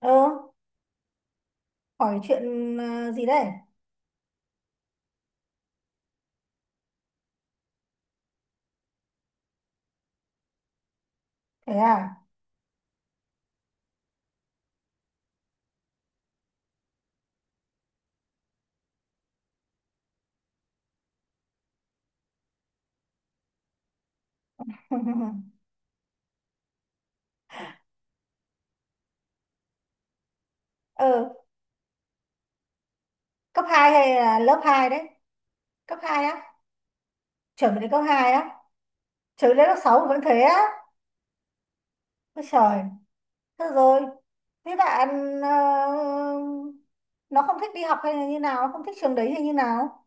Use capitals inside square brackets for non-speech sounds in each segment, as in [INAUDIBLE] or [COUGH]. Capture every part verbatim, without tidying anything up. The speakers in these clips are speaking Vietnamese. Ờ, Hỏi chuyện ờ, gì đây? Thế à? [LAUGHS] Ờ, Cấp hai hay là lớp hai đấy? Cấp hai á? Chuẩn bị đến cấp hai á? Chuẩn bị đến lớp sáu vẫn thế á? Ôi trời, thế rồi. Thế bạn ờ, nó không thích đi học hay là như nào? Nó không thích trường đấy hay như nào?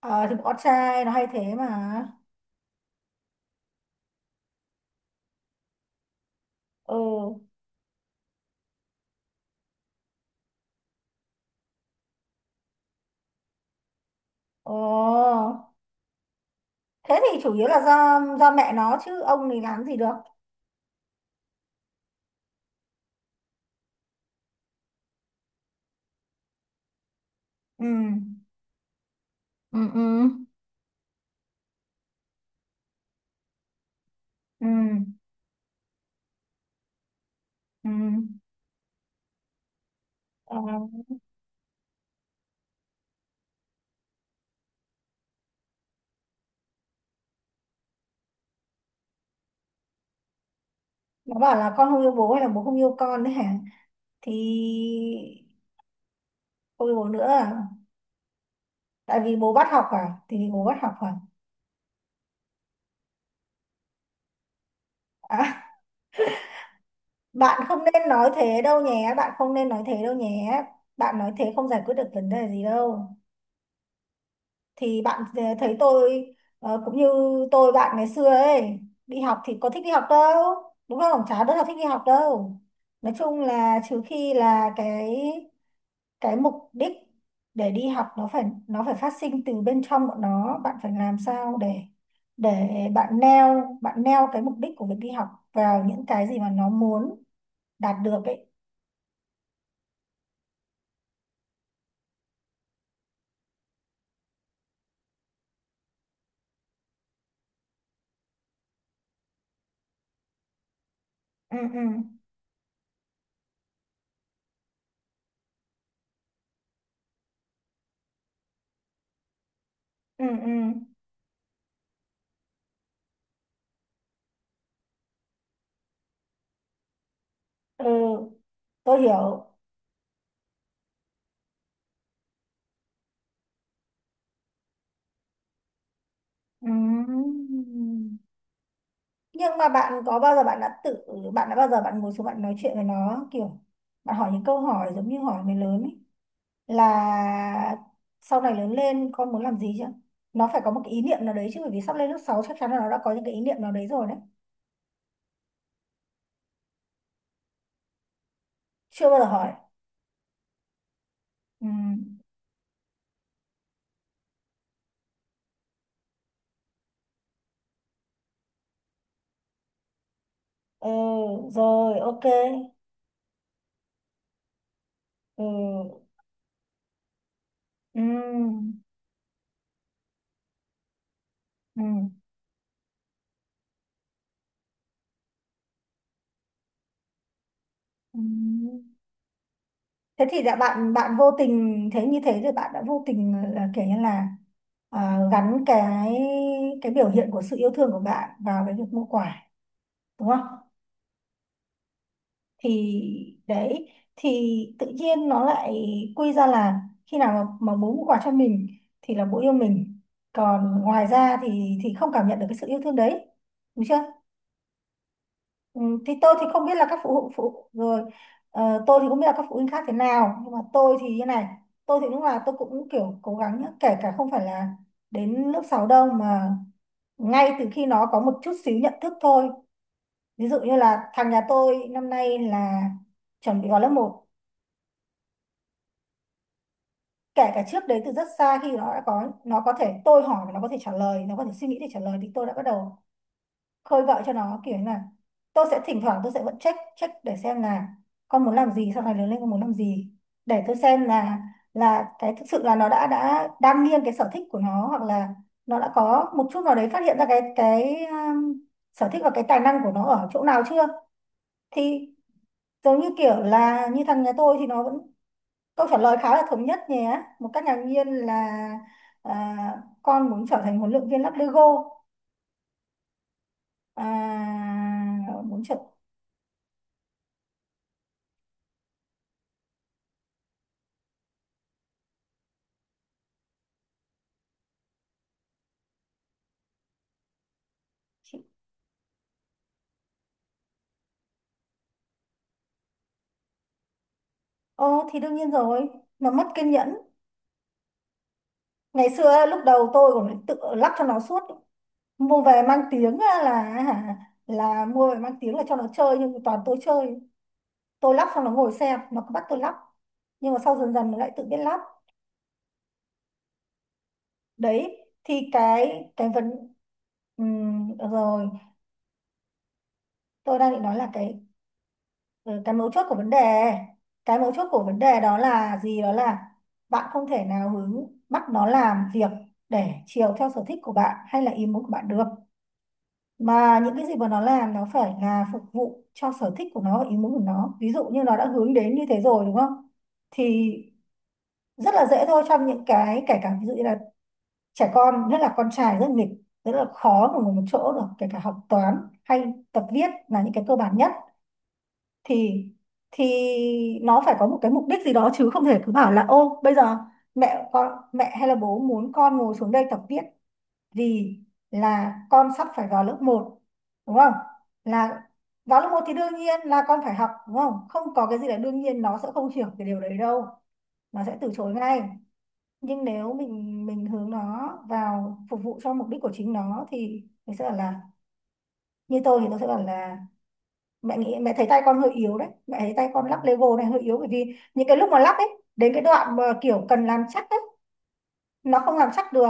Ờ, thì bọn con trai nó hay thế mà. Ừ, ồ. Thế thì chủ yếu là do do mẹ nó chứ ông thì làm gì được. Ừ, ừ, ừ, ừ, ừ. Ờ. Nó bảo là con không yêu bố hay là bố không yêu con đấy hả? Thì không yêu bố nữa à? Tại vì bố bắt học à Thì vì bố bắt học à? À, [LAUGHS] bạn không nên nói thế đâu nhé bạn không nên nói thế đâu nhé. Bạn nói thế không giải quyết được vấn đề gì đâu. Thì bạn ờ, thấy tôi, ờ, cũng như tôi bạn ngày xưa ấy, đi học thì có thích đi học đâu, đúng không? Chả đứa nào thích đi học đâu. Nói chung là trừ khi là cái cái mục đích để đi học nó phải nó phải phát sinh từ bên trong bọn nó. Bạn phải làm sao để để bạn neo, bạn neo cái mục đích của việc đi học vào những cái gì mà nó muốn đạt được ấy. Ừ, ừ, ừ, ừ, ừ. Tôi hiểu. Ừ. Nhưng mà bạn có bao giờ bạn đã tự bạn đã bao giờ bạn ngồi xuống bạn nói chuyện với nó, kiểu bạn hỏi những câu hỏi giống như hỏi người lớn ấy, là sau này lớn lên con muốn làm gì chứ. Nó phải có một cái ý niệm nào đấy chứ, bởi vì sắp lên lớp sáu chắc chắn là nó đã có những cái ý niệm nào đấy rồi đấy. Chưa bao giờ hỏi. Ừ, ừ, rồi, ok. Ừ, ừ, ừ, ừ. Thế thì đã bạn bạn vô tình, thế như thế thì bạn đã vô tình là kiểu như là à, gắn cái cái biểu hiện của sự yêu thương của bạn vào cái việc mua quà, đúng không? Thì đấy, thì tự nhiên nó lại quy ra là khi nào mà, mà bố mua quà cho mình thì là bố yêu mình, còn ngoài ra thì thì không cảm nhận được cái sự yêu thương đấy, đúng chưa? Ừ, thì tôi thì không biết là các phụ huynh phụ rồi, ờ, tôi thì không biết là các phụ huynh khác thế nào nhưng mà tôi thì như này. Tôi thì lúc nào tôi cũng kiểu cố gắng nhá, kể cả không phải là đến lớp sáu đâu, mà ngay từ khi nó có một chút xíu nhận thức thôi. Ví dụ như là thằng nhà tôi năm nay là chuẩn bị vào lớp một, kể cả trước đấy từ rất xa, khi nó đã có, nó có thể tôi hỏi và nó có thể trả lời, nó có thể suy nghĩ để trả lời, thì tôi đã bắt đầu khơi gợi cho nó, kiểu như là tôi sẽ thỉnh thoảng tôi sẽ vẫn check check để xem là con muốn làm gì, sau này lớn lên con muốn làm gì, để tôi xem là là cái thực sự là nó đã đã đang nghiêng cái sở thích của nó, hoặc là nó đã có một chút nào đấy phát hiện ra cái cái um, sở thích và cái tài năng của nó ở chỗ nào chưa. Thì giống như kiểu là như thằng nhà tôi thì nó vẫn câu trả lời khá là thống nhất nhé. Một cách ngạc nhiên là à, con muốn trở thành huấn luyện viên lắp Lego. À, muốn trở chị. Ồ thì đương nhiên rồi, mà mất kiên nhẫn. Ngày xưa lúc đầu tôi còn tự lắp cho nó suốt, mua về mang tiếng á là hả, là mua về mang tiếng là cho nó chơi nhưng mà toàn tôi chơi. Tôi lắp xong nó ngồi xem, nó cứ bắt tôi lắp. Nhưng mà sau dần dần nó lại tự biết lắp. Đấy, thì cái cái vấn— Ừm, được rồi, tôi đang định nói là cái. Ừ, cái mấu chốt của vấn đề, cái mấu chốt của vấn đề đó là gì, đó là bạn không thể nào hướng bắt nó làm việc để chiều theo sở thích của bạn hay là ý muốn của bạn được, mà những cái gì mà nó làm, nó phải là phục vụ cho sở thích của nó và ý muốn của nó. Ví dụ như nó đã hướng đến như thế rồi đúng không, thì rất là dễ thôi. Trong những cái, kể cả ví dụ như là trẻ con nhất là con trai rất nghịch, rất là khó mà ngồi một chỗ được, kể cả học toán hay tập viết là những cái cơ bản nhất, thì thì nó phải có một cái mục đích gì đó, chứ không thể cứ bảo là ô bây giờ mẹ con mẹ hay là bố muốn con ngồi xuống đây tập viết vì là con sắp phải vào lớp một, đúng không? Là vào lớp một thì đương nhiên là con phải học đúng không, không có cái gì là đương nhiên, nó sẽ không hiểu cái điều đấy đâu, nó sẽ từ chối ngay. Nhưng nếu mình mình hướng nó vào phục vụ cho mục đích của chính nó, thì mình sẽ bảo là, như tôi thì tôi sẽ bảo là mẹ nghĩ, mẹ thấy tay con hơi yếu đấy, mẹ thấy tay con lắc Lego này hơi yếu, bởi vì những cái lúc mà lắc ấy, đến cái đoạn mà kiểu cần làm chắc ấy, nó không làm chắc được.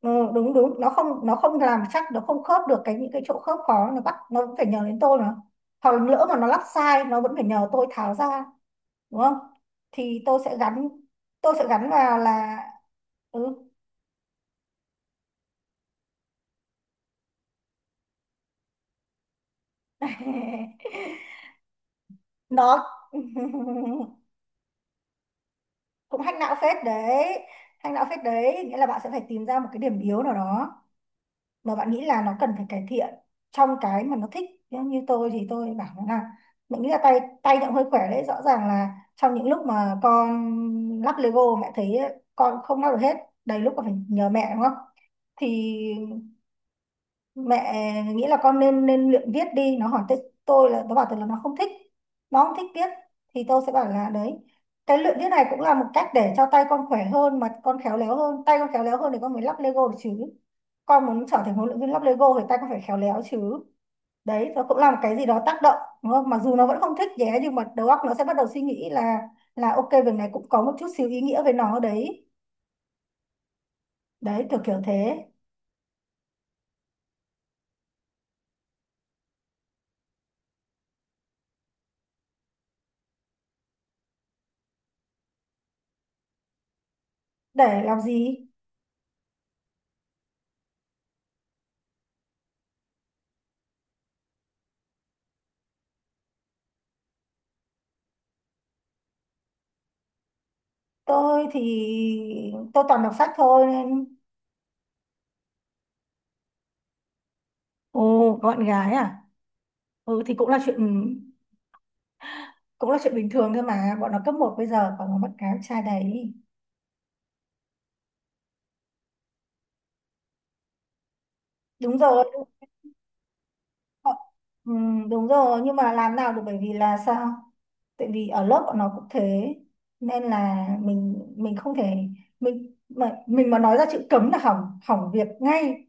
Ừ, đúng đúng, nó không nó không làm chắc, nó không khớp được cái những cái chỗ khớp khó, nó bắt, nó vẫn phải nhờ đến tôi mà, hoặc là lỡ mà nó lắp sai nó vẫn phải nhờ tôi tháo ra, đúng không? Thì tôi sẽ gắn tôi sẽ gắn vào là, ừ. [LAUGHS] Nó [LAUGHS] cũng hack não phết đấy hack não phết đấy, nghĩa là bạn sẽ phải tìm ra một cái điểm yếu nào đó mà bạn nghĩ là nó cần phải cải thiện trong cái mà nó thích. Ví như tôi thì tôi bảo nó là mình nghĩ là tay tay nó hơi khỏe đấy, rõ ràng là trong những lúc mà con lắp Lego mẹ thấy con không lắp được hết, đầy lúc còn phải nhờ mẹ đúng không, thì mẹ nghĩ là con nên nên luyện viết đi. Nó hỏi tới tôi, là nó bảo tôi là nó không thích, nó không thích viết. Thì tôi sẽ bảo là đấy, cái luyện viết này cũng là một cách để cho tay con khỏe hơn mà con khéo léo hơn, tay con khéo léo hơn thì con mới lắp Lego được chứ, con muốn trở thành huấn luyện viên lắp Lego thì tay con phải khéo léo chứ. Đấy, nó cũng là một cái gì đó tác động đúng không, mặc dù nó vẫn không thích nhé, nhưng mà đầu óc nó sẽ bắt đầu suy nghĩ là là ok việc này cũng có một chút xíu ý nghĩa với nó đấy. Đấy, kiểu kiểu thế. Để làm gì? Tôi thì tôi toàn đọc sách thôi nên. Ồ, gọn gái à? Ừ, thì cũng là chuyện, cũng là chuyện bình thường thôi mà, bọn nó cấp một bây giờ còn nó mất cái trai đấy. Đúng rồi, đúng, rồi. Ừ, đúng rồi, nhưng mà làm nào được bởi vì là sao, tại vì ở lớp bọn nó cũng thế, nên là mình mình không thể, mình mà mình mà nói ra chữ cấm là hỏng hỏng việc ngay.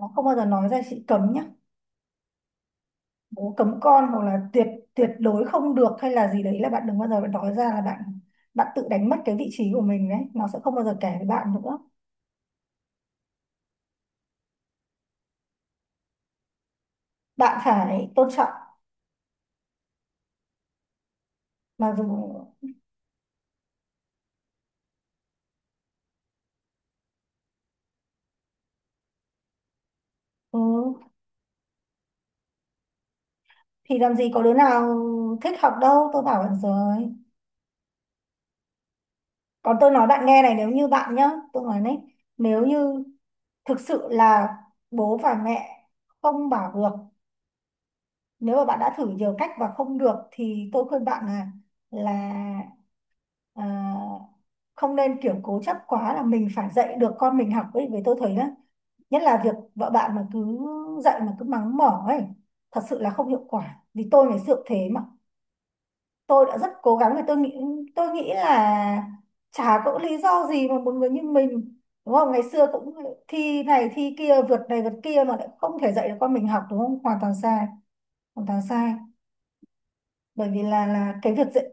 Nó không bao giờ nói ra chữ cấm nhá, bố cấm con, hoặc là tuyệt, tuyệt đối không được, hay là gì đấy, là bạn đừng bao giờ bạn nói ra, là bạn, bạn tự đánh mất cái vị trí của mình đấy, nó sẽ không bao giờ kể với bạn nữa. Bạn phải tôn trọng mà dù. Ừ, thì làm gì có đứa nào thích học đâu, tôi bảo bạn rồi. Còn tôi nói bạn nghe này, nếu như bạn nhá, tôi nói đấy, nếu như thực sự là bố và mẹ không bảo được, nếu mà bạn đã thử nhiều cách và không được, thì tôi khuyên bạn là là à, không nên kiểu cố chấp quá là mình phải dạy được con mình học ấy, với tôi thấy đó nhất là việc vợ bạn mà cứ dạy mà cứ mắng mỏ ấy, thật sự là không hiệu quả, vì tôi ngày xưa cũng thế mà, tôi đã rất cố gắng thì tôi nghĩ tôi nghĩ là chả có lý do gì mà một người như mình đúng không, ngày xưa cũng thi này thi kia, vượt này vượt kia, mà lại không thể dạy được con mình học, đúng không? Hoàn toàn sai, hoàn toàn sai, bởi vì là là cái việc dạy.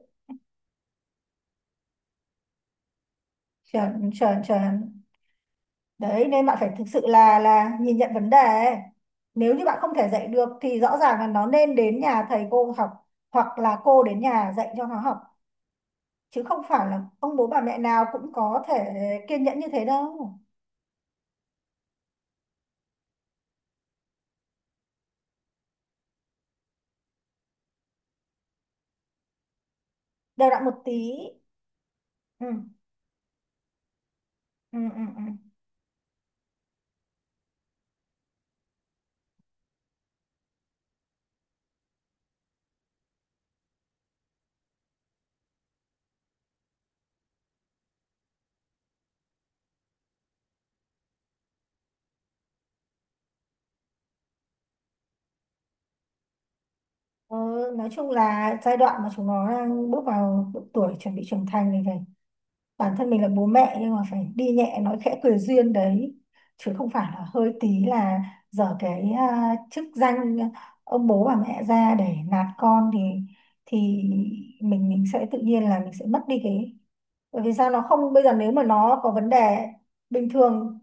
Chuẩn, chuẩn, chuẩn. Đấy, nên bạn phải thực sự là là nhìn nhận vấn đề ấy. Nếu như bạn không thể dạy được, thì rõ ràng là nó nên đến nhà thầy cô học, hoặc là cô đến nhà dạy cho nó học, chứ không phải là ông bố bà mẹ nào cũng có thể kiên nhẫn như thế đâu. Đều đặn một tí. Ừ, ừ, ừ, ừ. Ừ, nói chung là giai đoạn mà chúng nó đang bước vào độ tuổi chuẩn bị trưởng thành này, bản thân mình là bố mẹ nhưng mà phải đi nhẹ nói khẽ cười duyên đấy, chứ không phải là hơi tí là dở cái à, chức danh à, ông bố bà mẹ ra để nạt con, thì thì mình mình sẽ tự nhiên là mình sẽ mất đi cái, bởi vì sao, nó không, bây giờ nếu mà nó có vấn đề bình thường,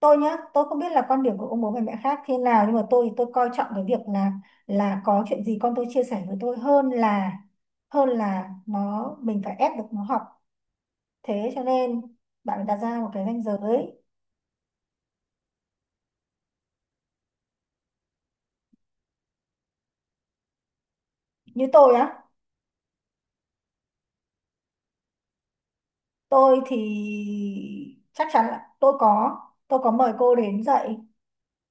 tôi nhá, tôi không biết là quan điểm của ông bố bà mẹ khác thế nào nhưng mà tôi thì tôi coi trọng cái việc là là có chuyện gì con tôi chia sẻ với tôi, hơn là hơn là nó mình phải ép được nó học. Thế cho nên bạn phải đặt ra một cái ranh giới. Như tôi á, tôi thì chắc chắn là tôi có, tôi có mời cô đến dạy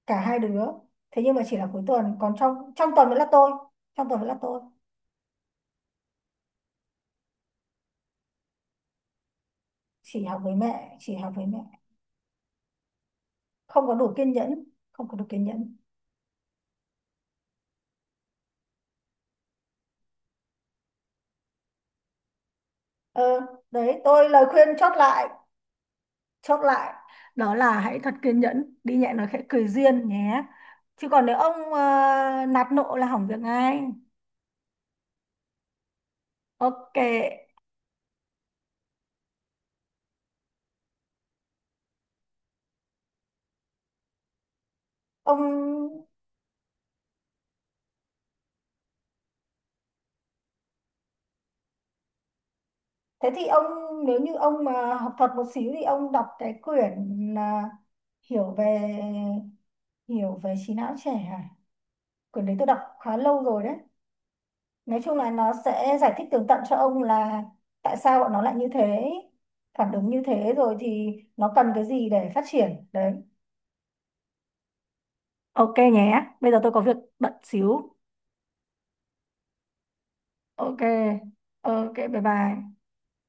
cả hai đứa. Thế nhưng mà chỉ là cuối tuần, còn trong trong tuần vẫn là tôi, trong tuần vẫn là tôi, chỉ học với mẹ, chỉ học với mẹ, không có đủ kiên nhẫn, không có đủ kiên nhẫn. Ờ, đấy, tôi lời khuyên chốt lại, chốt lại đó là hãy thật kiên nhẫn, đi nhẹ nói khẽ cười duyên nhé. Chứ còn nếu ông ờ, nạt nộ là hỏng việc ngay. Ok. ông Thế thì ông, nếu như ông mà học thuật một xíu thì ông đọc cái quyển à, hiểu về, hiểu về trí não trẻ à, quyển đấy tôi đọc khá lâu rồi đấy. Nói chung là nó sẽ giải thích tường tận cho ông là tại sao bọn nó lại như thế, phản ứng như thế, rồi thì nó cần cái gì để phát triển đấy. Ok nhé, bây giờ tôi có việc bận xíu. Ok, ok, bye bye.